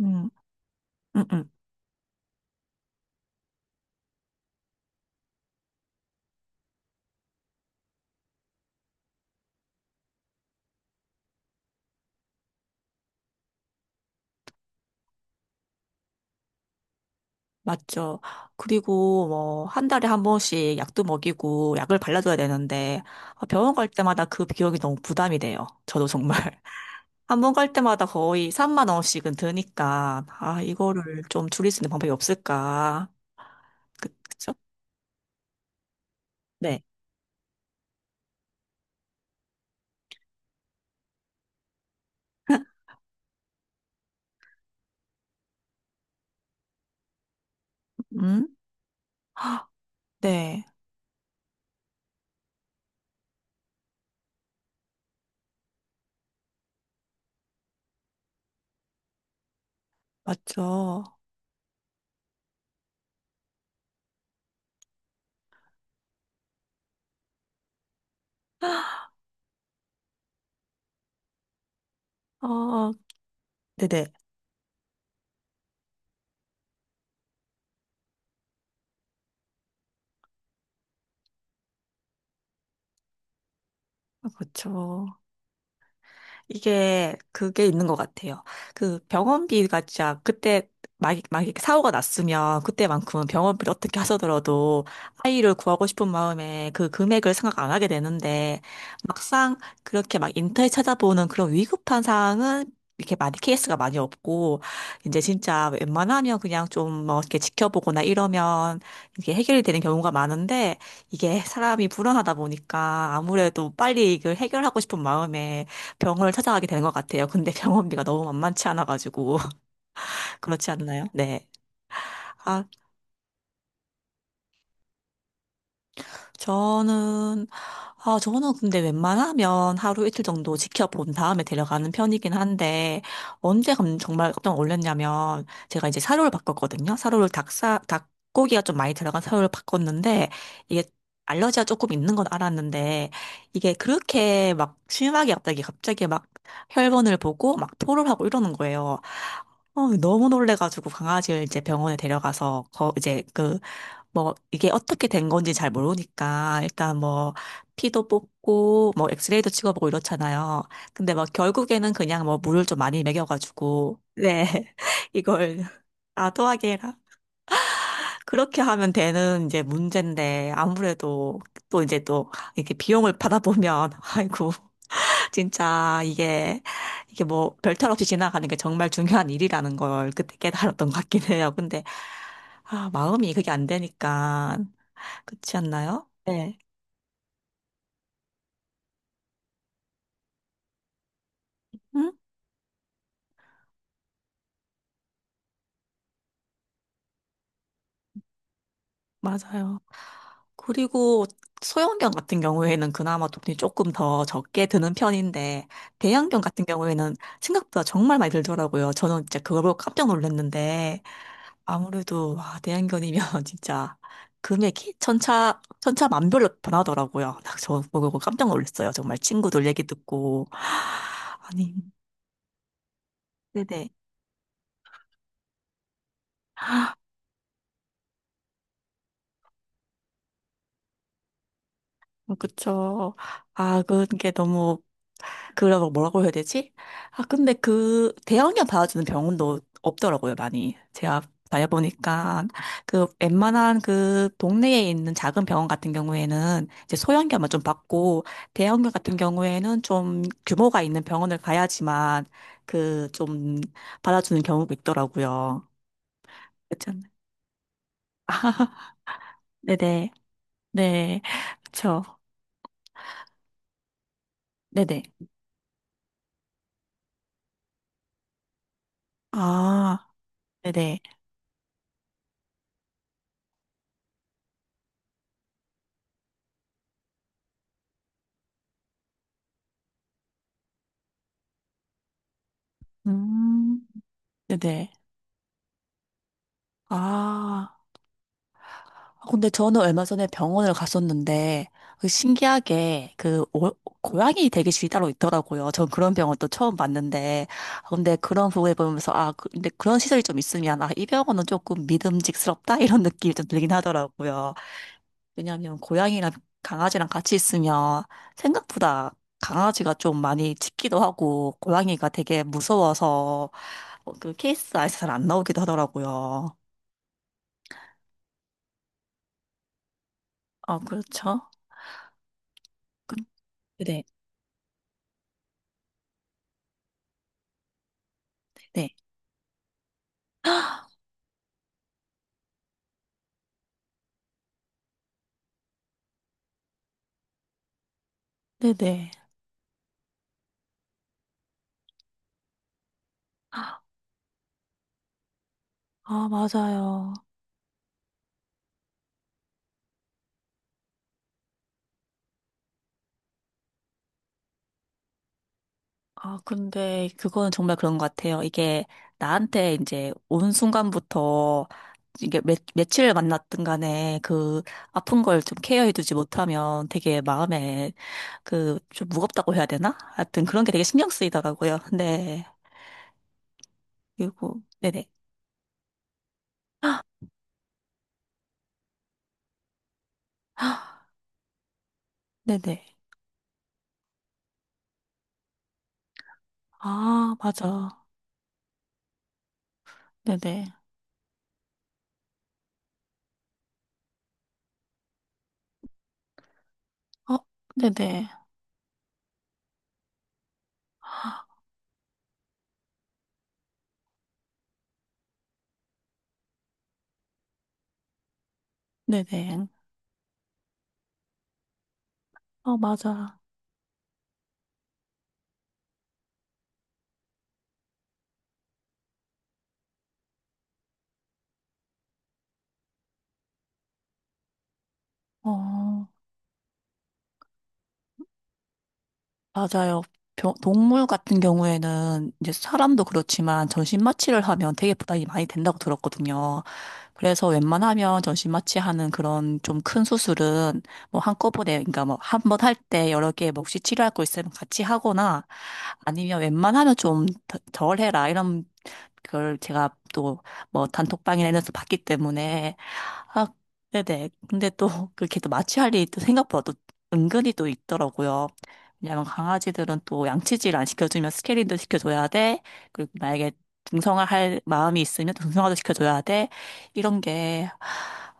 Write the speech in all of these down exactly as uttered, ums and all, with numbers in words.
음. 음. 음. 맞죠. 그리고 뭐, 한 달에 한 번씩 약도 먹이고 약을 발라줘야 되는데, 아, 병원 갈 때마다 그 비용이 너무 부담이 돼요. 저도 정말. 한 번 갈 때마다 거의 삼만 원씩은 드니까, 아, 이거를 좀 줄일 수 있는 방법이 없을까. 그, 그쵸? 네. 음? 헉, 네, 맞죠. 어, 네네. 그렇죠. 이게 그게 있는 것 같아요. 그 병원비가 진짜 그때 막, 막 이렇게 사고가 났으면 그때만큼은 병원비를 어떻게 하서더라도 아이를 구하고 싶은 마음에 그 금액을 생각 안 하게 되는데, 막상 그렇게 막 인터넷 찾아보는 그런 위급한 사항은 이렇게 많이 케이스가 많이 없고 이제 진짜 웬만하면 그냥 좀뭐 이렇게 지켜보거나 이러면 이게 해결이 되는 경우가 많은데, 이게 사람이 불안하다 보니까 아무래도 빨리 이걸 해결하고 싶은 마음에 병원을 찾아가게 되는 것 같아요. 근데 병원비가 너무 만만치 않아가지고. 그렇지 않나요? 네. 아, 저는, 아, 저는 근데 웬만하면 하루 이틀 정도 지켜본 다음에 데려가는 편이긴 한데, 언제 감- 정말 깜짝 놀랐냐면, 제가 이제 사료를 바꿨거든요. 사료를 닭사, 닭고기가 좀 많이 들어간 사료를 바꿨는데, 이게 알러지가 조금 있는 건 알았는데, 이게 그렇게 막 심하게 갑자기, 갑자기 막 혈변을 보고 막 토를 하고 이러는 거예요. 어, 너무 놀래가지고 강아지를 이제 병원에 데려가서 거 이제 그 뭐 이게 어떻게 된 건지 잘 모르니까 일단 뭐 피도 뽑고 뭐 엑스레이도 찍어보고 이렇잖아요. 근데 막 결국에는 그냥 뭐 물을 좀 많이 먹여가지고 네 이걸 아도하게 해라 그렇게 하면 되는 이제 문제인데, 아무래도 또 이제 또 이렇게 비용을 받아보면 아이고 진짜 이게 이게 뭐 별탈 없이 지나가는 게 정말 중요한 일이라는 걸 그때 깨달았던 것 같긴 해요. 근데 아 마음이 그게 안 되니까. 그렇지 않나요? 네. 응? 맞아요. 그리고 소형견 같은 경우에는 그나마 돈이 조금 더 적게 드는 편인데, 대형견 같은 경우에는 생각보다 정말 많이 들더라고요. 저는 진짜 그걸 보고 깜짝 놀랐는데, 아무래도, 와, 대형견이면 진짜 금액이 천차, 천차만별로 변하더라고요. 저 보고 깜짝 놀랐어요. 정말 친구들 얘기 듣고. 아니, 네네. 그쵸. 아, 그게 너무 그래서 뭐라고 해야 되지? 아, 근데 그 대형견 받아주는 병원도 없더라고요, 많이. 제가 다녀보니까 그 웬만한 그 동네에 있는 작은 병원 같은 경우에는 이제 소형견만 좀 받고, 대형견 같은 경우에는 좀 규모가 있는 병원을 가야지만 그 좀 받아주는 경우가 있더라고요. 그렇죠. 네네. 네. 그렇죠. 네네. 아, 네네. 음, 네네. 아. 아, 근데 저는 얼마 전에 병원을 갔었는데, 그 신기하게, 그, 오- 고양이 대기실이 따로 있더라고요. 전 그런 병원 또 처음 봤는데, 아, 근데 그런 부분에 보면서, 아, 그- 근데 그런 시설이 좀 있으면, 아, 이 병원은 조금 믿음직스럽다? 이런 느낌이 좀 들긴 하더라고요. 왜냐하면 고양이랑 강아지랑 같이 있으면 생각보다 강아지가 좀 많이 짖기도 하고, 고양이가 되게 무서워서, 어, 그 케이스 아예 잘 안 나오기도 하더라고요. 아, 그렇죠. 그- 네, 네, 네네. 아, 맞아요. 아, 근데 그거는 정말 그런 것 같아요. 이게 나한테 이제 온 순간부터 이게 며, 며칠 만났든 간에 그 아픈 걸 좀 케어해두지 못하면 되게 마음에 그 좀 무겁다고 해야 되나? 하여튼 그런 게 되게 신경 쓰이더라고요. 네. 그리고, 네네. 네네. 아, 맞아. 네네. 어, 네네. 네네. 어, 맞아. 어. 맞아요. 병- 동물 같은 경우에는 이제 사람도 그렇지만 전신마취를 하면 되게 부담이 많이 된다고 들었거든요. 그래서 웬만하면 전신마취하는 그런 좀 큰 수술은 뭐 한꺼번에, 그러니까 뭐 한 번 할 때 여러 개 뭐 혹시 치료할 거 있으면 같이 하거나 아니면 웬만하면 좀 덜 해라 이런 그걸 제가 또 뭐 단톡방이나 이런 데서 봤기 때문에 아 네네 근데 또 그렇게 또 마취할 일이 또 생각보다 또 은근히 또 있더라고요. 왜냐면 강아지들은 또 양치질 안 시켜주면 스케일링도 시켜줘야 돼. 그리고 만약에 등성화 할 마음이 있으면 등성화도 시켜줘야 돼. 이런 게,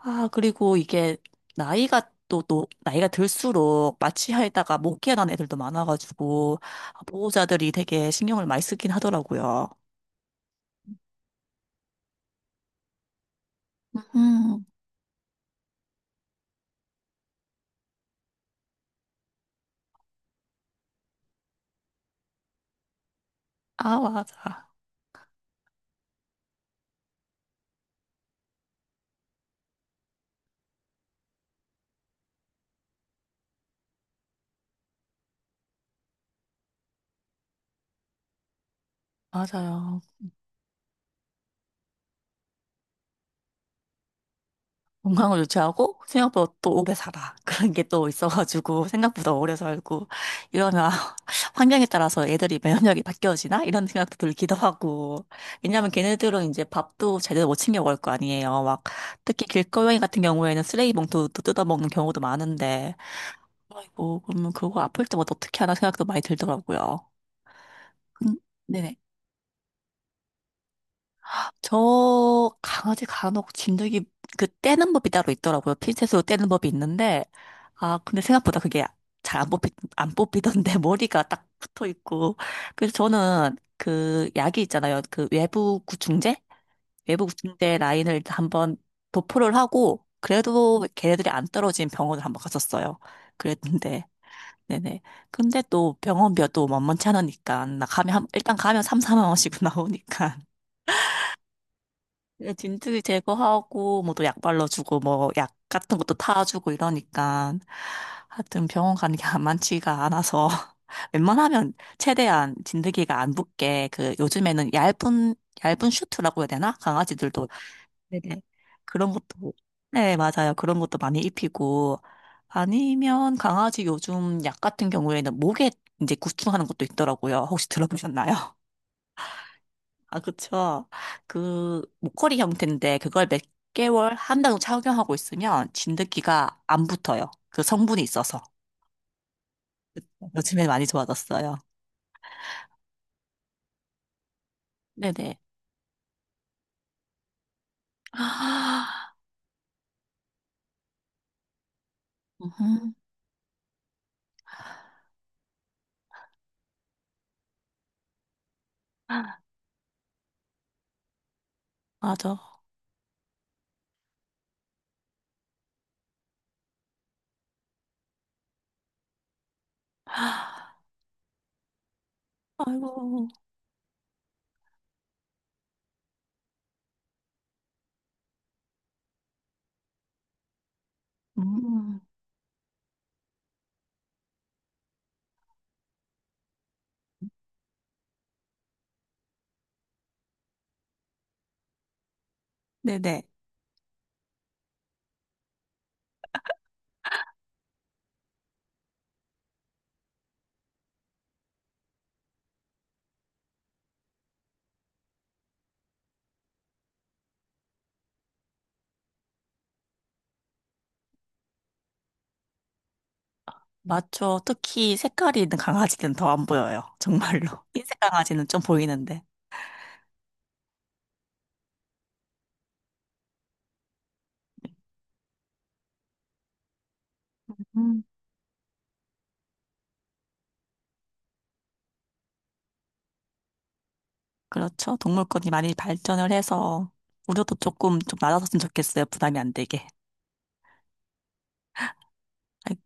아, 그리고 이게 나이가 또, 또, 나이가 들수록 마취하에다가 못 깨어난 애들도 많아가지고, 보호자들이 되게 신경을 많이 쓰긴 하더라고요. 음, 아, 맞아. 맞아요. 건강을 유지하고 생각보다 또 오래 살아. 그런 게 또 있어가지고 생각보다 오래 살고 이러면 환경에 따라서 애들이 면역력이 바뀌어지나? 이런 생각도 들기도 하고. 왜냐면 걔네들은 이제 밥도 제대로 못 챙겨 먹을 거 아니에요. 막 특히 길거리 같은 경우에는 쓰레기 봉투도 뜯어먹는 경우도 많은데. 아이고, 그러면 그거 아플 때마다 어떻게 하나 생각도 많이 들더라고요. 음, 네네. 저 강아지 간혹 진드기 그 떼는 법이 따로 있더라고요. 핀셋으로 떼는 법이 있는데 아 근데 생각보다 그게 잘 안 뽑히 안 뽑히던데 머리가 딱 붙어 있고, 그래서 저는 그 약이 있잖아요. 그 외부 구충제 외부 구충제 라인을 한번 도포를 하고 그래도 걔네들이 안 떨어진 병원을 한번 갔었어요. 그랬는데 네네. 근데 또 병원비가 또 만만치 않으니까 나 가면 한- 일단 가면 삼, 사만 원씩 나오니까 예, 진트기 제거하고 뭐 또 약 발라주고 뭐 약 같은 것도 타주고 이러니까 하여튼 병원 가는 게 안 많지가 않아서 웬만하면 최대한 진드기가 안 붙게 그 요즘에는 얇은 얇은 슈트라고 해야 되나? 강아지들도 네네. 그런 것도 네, 맞아요. 그런 것도 많이 입히고 아니면 강아지 요즘 약 같은 경우에는 목에 이제 구충하는 것도 있더라고요. 혹시 들어보셨나요? 아, 그쵸. 그, 목걸이 형태인데, 그걸 몇 개월, 한 달 정도 착용하고 있으면 진드기가 안 붙어요. 그 성분이 있어서. 요즘에 많이 좋아졌어요. 네네. 아, 음, 맞아. 아이고. 음, 네네. 맞죠. 특히 색깔이 있는 강아지는 더 안 보여요. 정말로. 흰색 강아지는 좀 보이는데. 음, 그렇죠. 동물권이 많이 발전을 해서, 우리도 조금 좀 낮아졌으면 좋겠어요. 부담이 안 되게.